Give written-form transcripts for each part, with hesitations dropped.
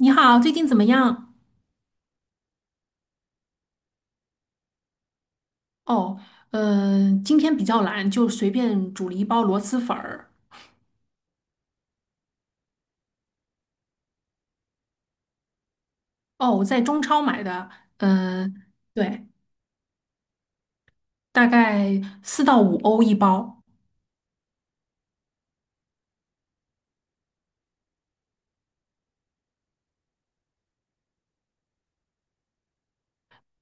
你好，最近怎么样？哦，今天比较懒，就随便煮了一包螺蛳粉儿。哦，我在中超买的，嗯、对，大概4到5欧一包。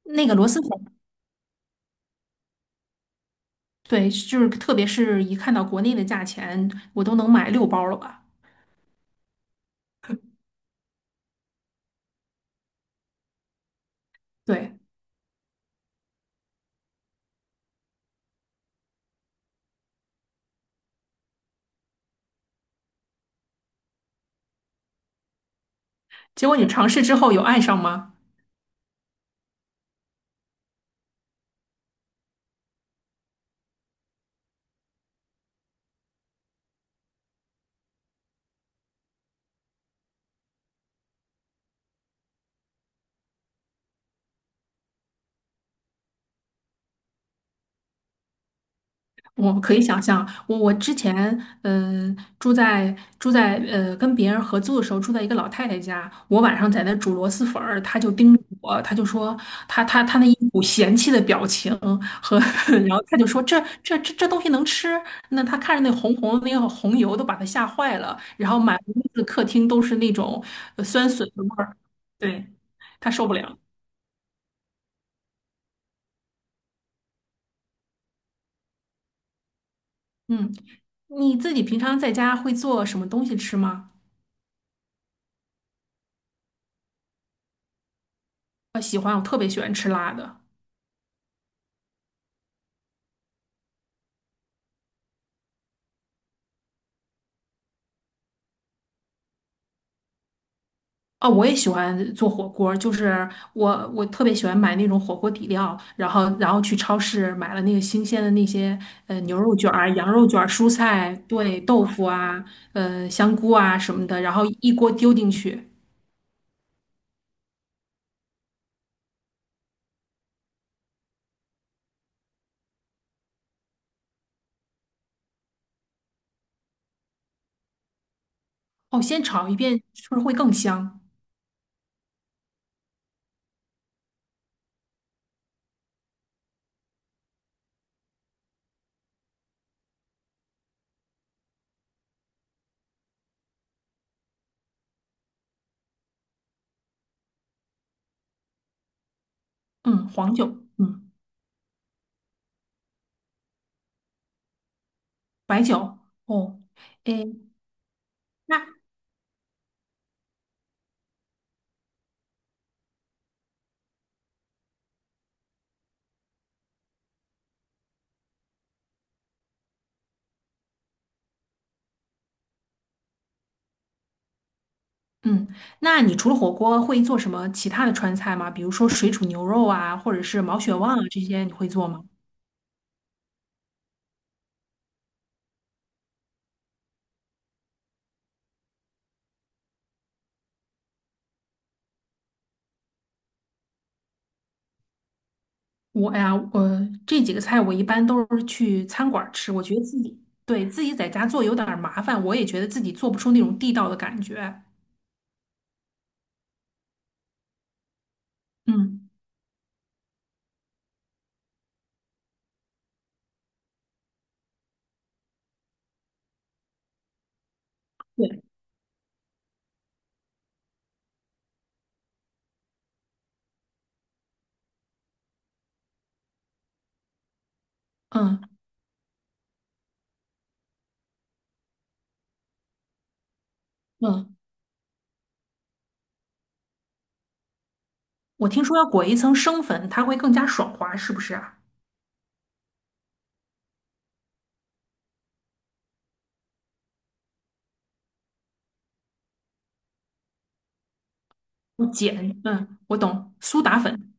那个螺蛳粉，对，就是特别是一看到国内的价钱，我都能买6包了吧？对，结果你尝试之后有爱上吗？我可以想象，我之前嗯、呃住在住在跟别人合租的时候，住在一个老太太家，我晚上在那煮螺蛳粉儿，她就盯着我，她就说她那一股嫌弃的表情和，然后她就说这东西能吃？那她看着那红红的那个红油都把她吓坏了，然后满屋子客厅都是那种酸笋的味儿，对，她受不了。嗯，你自己平常在家会做什么东西吃吗？我喜欢，我特别喜欢吃辣的。哦，我也喜欢做火锅儿，就是我特别喜欢买那种火锅底料，然后去超市买了那个新鲜的那些牛肉卷儿、羊肉卷儿、蔬菜，对，豆腐啊，香菇啊什么的，然后一锅丢进去，哦，先炒一遍，是不是会更香？嗯，黄酒，嗯，白酒，哦，诶，嗯，那你除了火锅会做什么其他的川菜吗？比如说水煮牛肉啊，或者是毛血旺啊这些，你会做吗？哎呀，我这几个菜我一般都是去餐馆儿吃，我觉得自己对自己在家做有点儿麻烦，我也觉得自己做不出那种地道的感觉。嗯，对，嗯嗯，我听说要裹一层生粉，它会更加爽滑，是不是啊？我碱，嗯，我懂，苏打粉，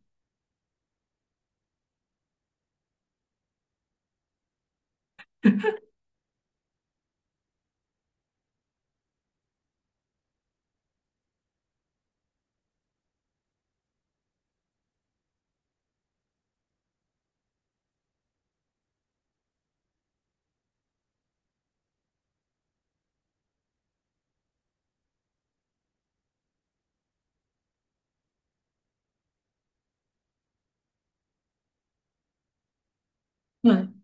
嗯，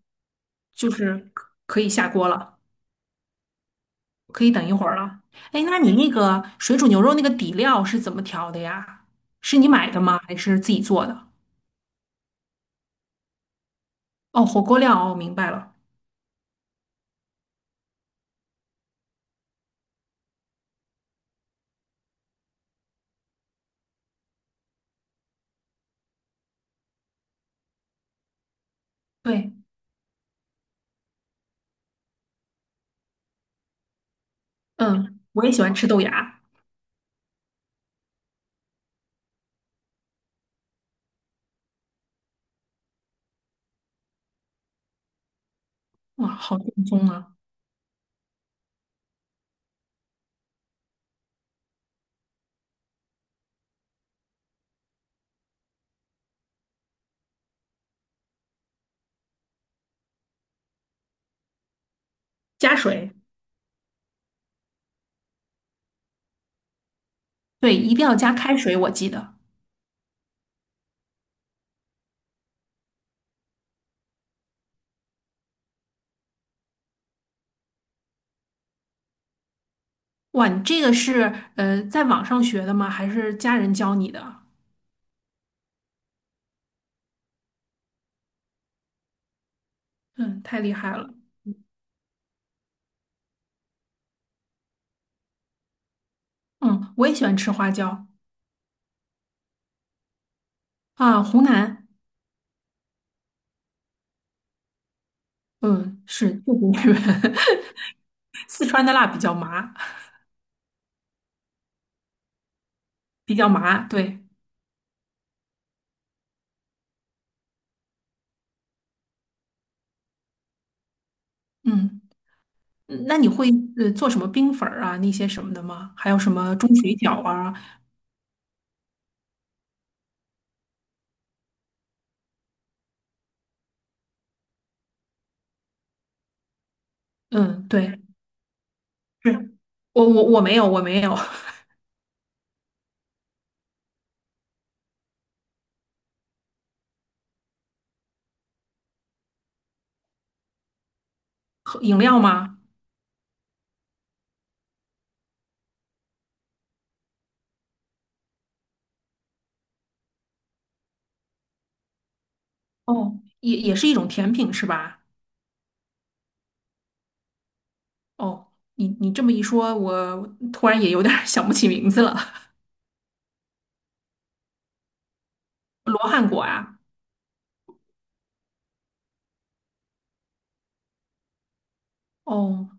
就是可以下锅了，可以等一会儿了。哎，那你那个水煮牛肉那个底料是怎么调的呀？是你买的吗？还是自己做的？哦，火锅料，哦，明白了。对。嗯，我也喜欢吃豆芽。哇，好正宗啊！加水，对，一定要加开水，我记得。哇，你这个是在网上学的吗？还是家人教你的？嗯，太厉害了。嗯，我也喜欢吃花椒啊，湖南，嗯，是就是日本，四川的辣比较麻，比较麻。对，嗯，嗯那你会做什么冰粉儿啊那些什么的吗？还有什么钟水饺啊？嗯，对，是我没有 喝饮料吗？哦，也是一种甜品是吧？哦，你这么一说，我突然也有点儿 想不起名字了。罗汉果啊，哦，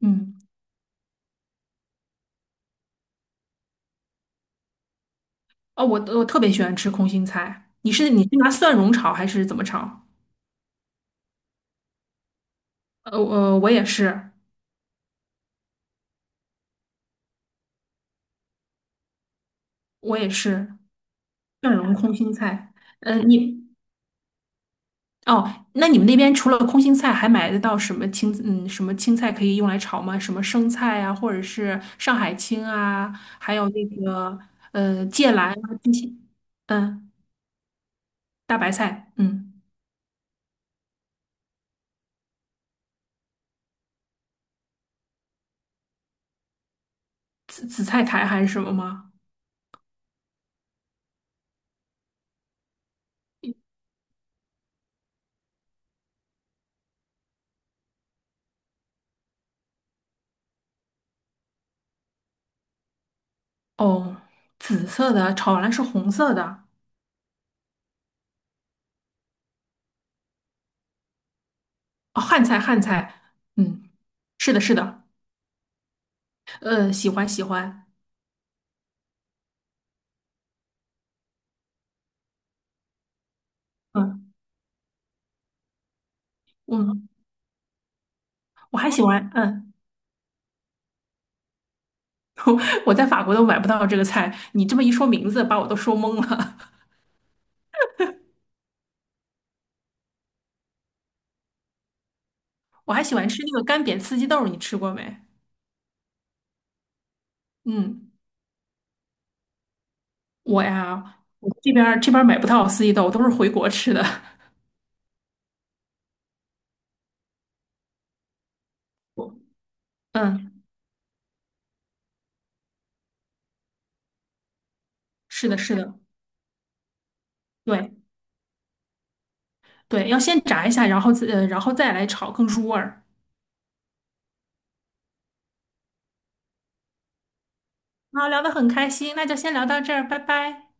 嗯，哦，我特别喜欢吃空心菜。你是拿蒜蓉炒还是怎么炒？我也是，我也是蒜蓉空心菜。嗯，哦，那你们那边除了空心菜，还买得到什么什么青菜可以用来炒吗？什么生菜啊，或者是上海青啊，还有那个芥蓝啊这些，嗯，大白菜，嗯，紫菜苔还是什么吗？哦，紫色的炒完了是红色的，哦，汉菜汉菜，嗯，是的，是的，喜欢喜欢，嗯嗯，我还喜欢，嗯，我在法国都买不到这个菜，你这么一说名字，把我都说懵了。我还喜欢吃那个干煸四季豆，你吃过没？嗯，我呀，我这边儿买不到四季豆，都是回国吃的。我嗯，是的，是的，对对，要先炸一下，然后自呃，然后再来炒，更入味儿。好，聊得很开心，那就先聊到这儿，拜拜。